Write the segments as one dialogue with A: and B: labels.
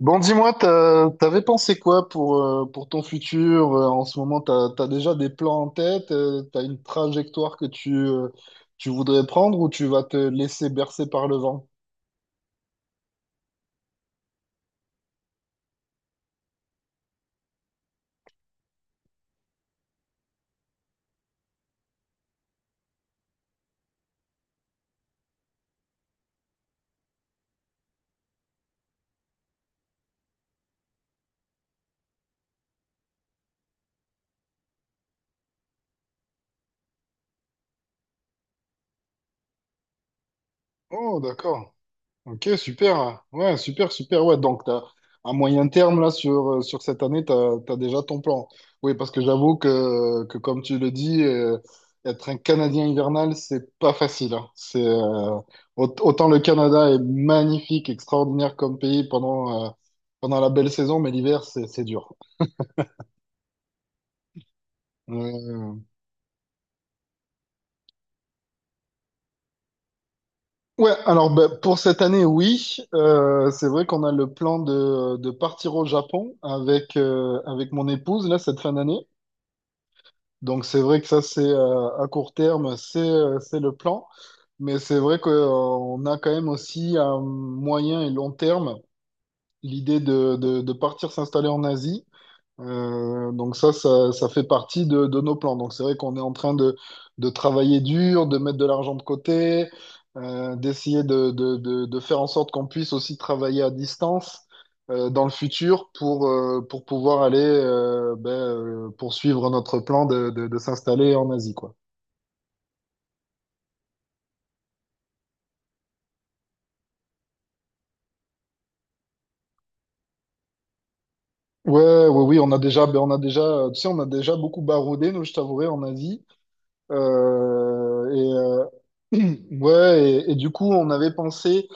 A: Bon, dis-moi, t'avais pensé quoi pour ton futur? En ce moment, t'as déjà des plans en tête? T'as une trajectoire que tu voudrais prendre ou tu vas te laisser bercer par le vent? Oh, d'accord. Ok, super. Ouais, super, super. Ouais, à moyen terme, là, sur cette année, tu as, déjà ton plan. Oui, parce que j'avoue que, comme tu le dis, être un Canadien hivernal, c'est pas facile, hein. Autant le Canada est magnifique, extraordinaire comme pays pendant la belle saison, mais l'hiver, c'est dur. Euh, Ouais, alors ben, pour cette année, oui. C'est vrai qu'on a le plan de partir au Japon avec mon épouse, là, cette fin d'année. Donc c'est vrai que ça c'est à court terme, c'est le plan, mais c'est vrai qu'on a quand même aussi à moyen et long terme l'idée de partir s'installer en Asie. Donc ça fait partie de nos plans. Donc c'est vrai qu'on est en train de travailler dur, de mettre de l'argent de côté, d'essayer de faire en sorte qu'on puisse aussi travailler à distance dans le futur pour pouvoir aller poursuivre notre plan de s'installer en Asie, quoi. Ouais, oui, on a déjà, tu sais, on a déjà beaucoup baroudé, nous, je t'avouerai, en Asie. Euh, et, euh, ouais, et du coup, on avait pensé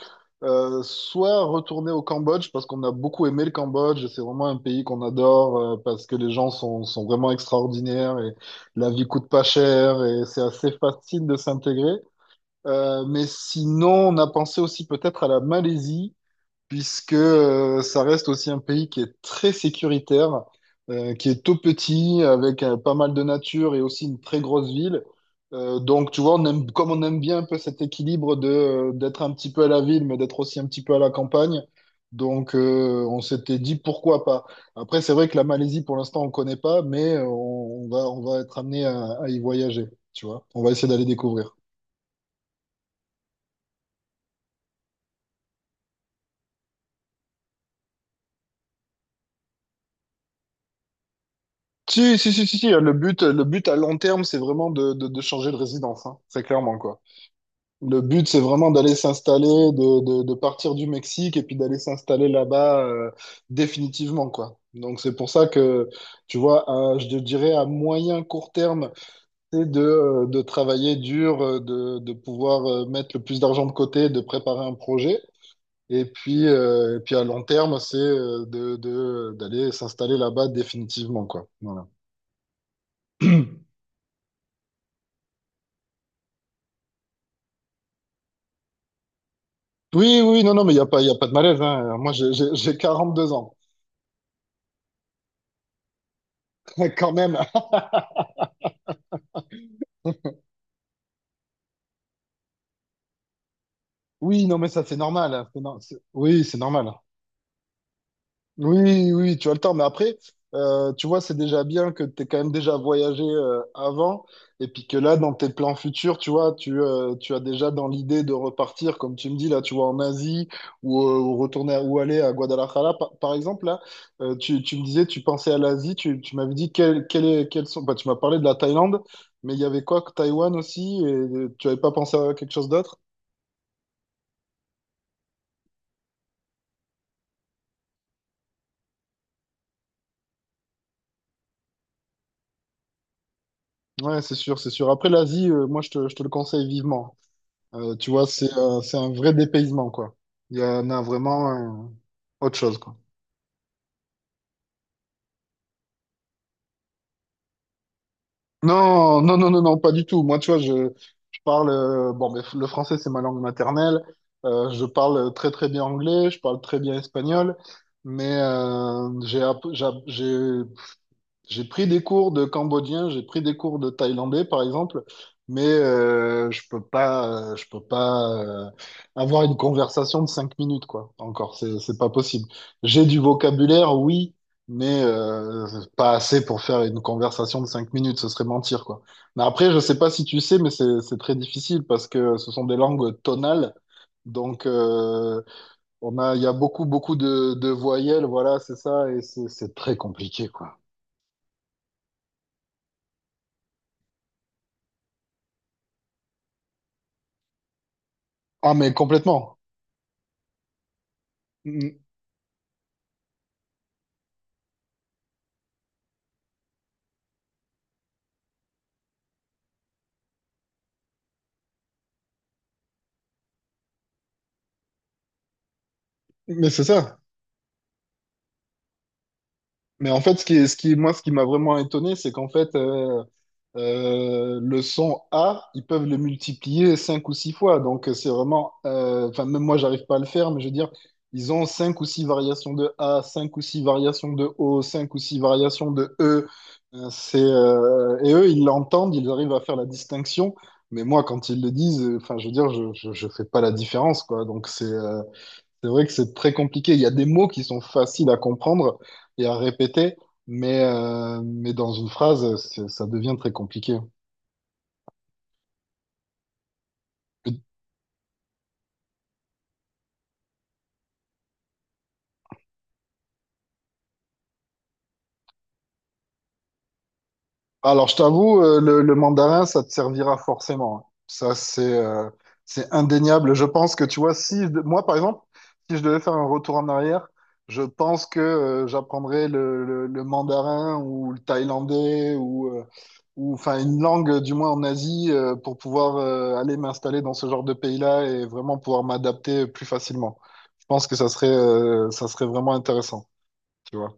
A: soit retourner au Cambodge, parce qu'on a beaucoup aimé le Cambodge, c'est vraiment un pays qu'on adore, parce que les gens sont vraiment extraordinaires, et la vie coûte pas cher, et c'est assez facile de s'intégrer. Mais sinon, on a pensé aussi peut-être à la Malaisie puisque ça reste aussi un pays qui est très sécuritaire, qui est tout petit, avec pas mal de nature et aussi une très grosse ville. Donc, tu vois, on aime, comme on aime bien un peu cet équilibre d'être un petit peu à la ville, mais d'être aussi un petit peu à la campagne. Donc, on s'était dit pourquoi pas. Après, c'est vrai que la Malaisie, pour l'instant, on ne connaît pas, mais on va être amené à y voyager, tu vois. On va essayer d'aller découvrir. Si, si, si, si, si, le but, le but à long terme, c'est vraiment de changer de résidence, hein. Très clairement, quoi. Le but, c'est vraiment d'aller s'installer, de partir du Mexique et puis d'aller s'installer là-bas définitivement, quoi. Donc, c'est pour ça que, tu vois, je te dirais à moyen, court terme, c'est de travailler dur, de pouvoir mettre le plus d'argent de côté, de préparer un projet. Et puis, à long terme, c'est d'aller s'installer là-bas définitivement, quoi. Voilà. Oui, oui, non, non, mais il n'y a pas, y a pas de malaise, hein. Moi, j'ai deux ans, quand même. Oui, non, mais ça, c'est normal, hein. C'est no- c'est- Oui, c'est normal. Oui, oui, tu as le temps, mais après, tu vois, c'est déjà bien que tu quand même déjà voyagé avant, et puis que là, dans tes plans futurs, tu vois, tu as déjà dans l'idée de repartir, comme tu me dis, là, tu vois, en Asie, ou, ou aller à Guadalajara, par exemple, là, tu me disais, tu pensais à l'Asie, tu m'avais dit, quels sont, bah, tu m'as parlé de la Thaïlande, mais il y avait quoi, que Taïwan aussi, et tu n'avais pas pensé à quelque chose d'autre? Ouais, c'est sûr, c'est sûr. Après, l'Asie, moi, je te le conseille vivement. Tu vois, c'est un vrai dépaysement, quoi. Il y en a vraiment euh, autre chose, quoi. Non, non, non, non, non, pas du tout. Moi, tu vois, je parle bon, mais le français, c'est ma langue maternelle. Je parle très, très bien anglais. Je parle très bien espagnol. Mais j'ai app- j'ai app- j'ai pris des cours de cambodgien, j'ai pris des cours de thaïlandais, par exemple, mais je peux pas avoir une conversation de cinq minutes, quoi. Encore, c'est pas possible. J'ai du vocabulaire, oui, mais pas assez pour faire une conversation de cinq minutes. Ce serait mentir, quoi. Mais après, je sais pas si tu sais, mais c'est très difficile parce que ce sont des langues tonales. Donc, il y a beaucoup, beaucoup de voyelles, voilà, c'est ça, et c'est très compliqué, quoi. Ah, mais complètement. M- Mais c'est ça. Mais en fait, ce qui m'a vraiment étonné, c'est qu'en fait, le son A, ils peuvent le multiplier cinq ou six fois. Donc, c'est vraiment, enfin, même moi, j'arrive pas à le faire, mais je veux dire, ils ont cinq ou six variations de A, cinq ou six variations de O, cinq ou six variations de E. Et eux, ils l'entendent, ils arrivent à faire la distinction. Mais moi, quand ils le disent, enfin, je veux dire, je fais pas la différence, quoi. Donc, c'est vrai que c'est très compliqué. Il y a des mots qui sont faciles à comprendre et à répéter, mais, mais dans une phrase, ça devient très compliqué. Alors, je t'avoue, le mandarin, ça te servira forcément, hein. Ça, c'est indéniable. Je pense que, tu vois, si je de- moi, par exemple, si je devais faire un retour en arrière, je pense que j'apprendrais le mandarin ou le thaïlandais ou enfin une langue, du moins en Asie, pour pouvoir aller m'installer dans ce genre de pays-là et vraiment pouvoir m'adapter plus facilement. Je pense que ça serait vraiment intéressant, tu vois.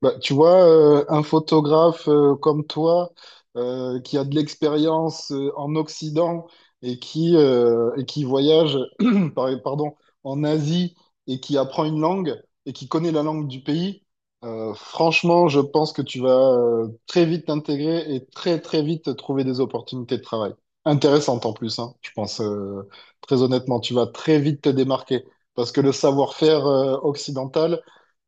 A: Bah, tu vois, un photographe comme toi, qui a de l'expérience en Occident et et qui voyage pardon, en Asie et qui apprend une langue et qui connaît la langue du pays, franchement, je pense que tu vas très vite t'intégrer et très très vite trouver des opportunités de travail. Intéressantes en plus, hein, je pense, très honnêtement, tu vas très vite te démarquer parce que le savoir-faire occidental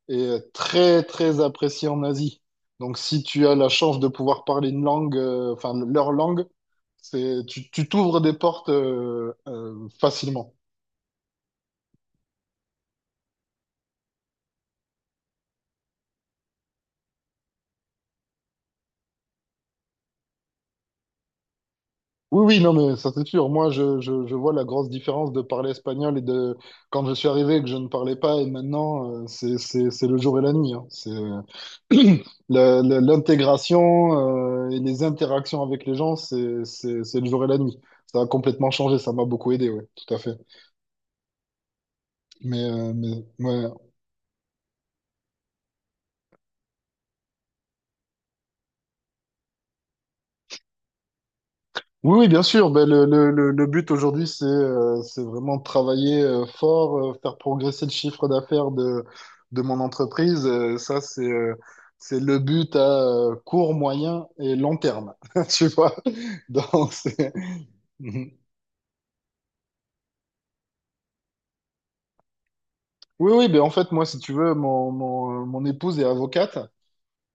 A: est très très apprécié en Asie. Donc si tu as la chance de pouvoir parler une langue, enfin leur langue, c'est tu t'ouvres des portes facilement. Oui, oui, non, mais ça c'est sûr. Moi, je vois la grosse différence de parler espagnol et de quand je suis arrivé et que je ne parlais pas et maintenant, c'est le jour et la nuit, hein. C'est l'intégration et les interactions avec les gens, c'est le jour et la nuit. Ça a complètement changé, ça m'a beaucoup aidé, oui, tout à fait. Mais, mais ouais. Oui, oui, bien sûr. Ben, le but aujourd'hui, c'est vraiment de travailler fort, faire progresser le chiffre d'affaires de mon entreprise. Ça, c'est le but à court, moyen et long terme. Tu vois? Donc, c'est... Mhm. Oui, oui, ben en fait, moi, si tu veux, mon épouse est avocate.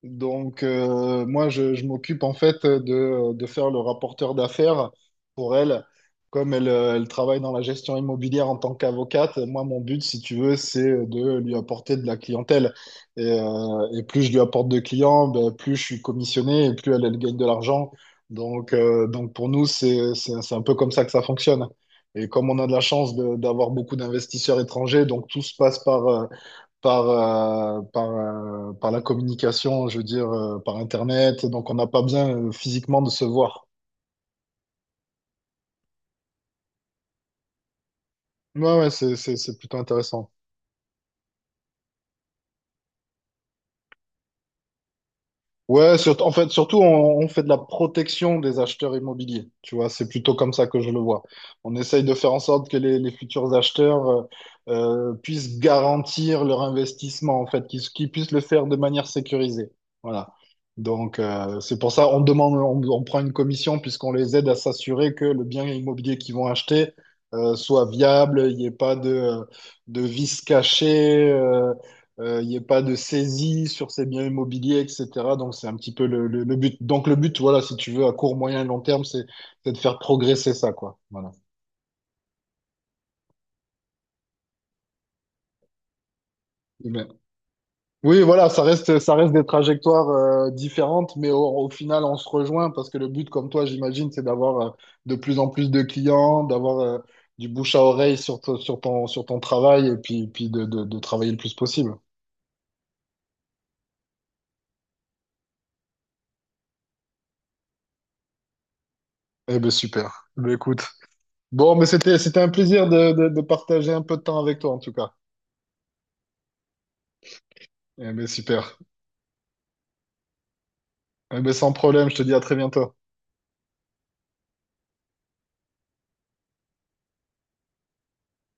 A: Donc, moi, je m'occupe en fait de faire le rapporteur d'affaires pour elle. Comme elle, elle travaille dans la gestion immobilière en tant qu'avocate, moi, mon but, si tu veux, c'est de lui apporter de la clientèle. Et plus je lui apporte de clients, ben, plus je suis commissionné et plus elle, elle gagne de l'argent. Donc, donc, pour nous, c'est un peu comme ça que ça fonctionne. Et comme on a de la chance d'avoir beaucoup d'investisseurs étrangers, donc tout se passe par la communication, je veux dire, par Internet. Donc, on n'a pas bien physiquement de se voir. Ouais, ouais, c'est plutôt intéressant. Ouais, surtout, en fait, surtout, on fait de la protection des acheteurs immobiliers. Tu vois, c'est plutôt comme ça que je le vois. On essaye de faire en sorte que les futurs acheteurs puissent garantir leur investissement, en fait, qu'ils puissent le faire de manière sécurisée. Voilà. Donc, c'est pour ça on demande, on prend une commission puisqu'on les aide à s'assurer que le bien immobilier qu'ils vont acheter soit viable, il n'y ait pas de, de vices cachés, il n'y ait pas de saisie sur ces biens immobiliers, etc. Donc, c'est un petit peu le but. Donc, le but, voilà, si tu veux, à court, moyen et long terme, c'est de faire progresser ça, quoi. Voilà. Mais- oui, voilà, ça reste des trajectoires différentes, mais au final, on se rejoint parce que le but, comme toi, j'imagine, c'est d'avoir de plus en plus de clients, d'avoir du bouche à oreille sur ton travail et puis, de travailler le plus possible. Eh ben, super. Ben, écoute. Bon, mais c'était un plaisir de partager un peu de temps avec toi, en tout cas. Eh ben, super. Eh ben, sans problème, je te dis à très bientôt.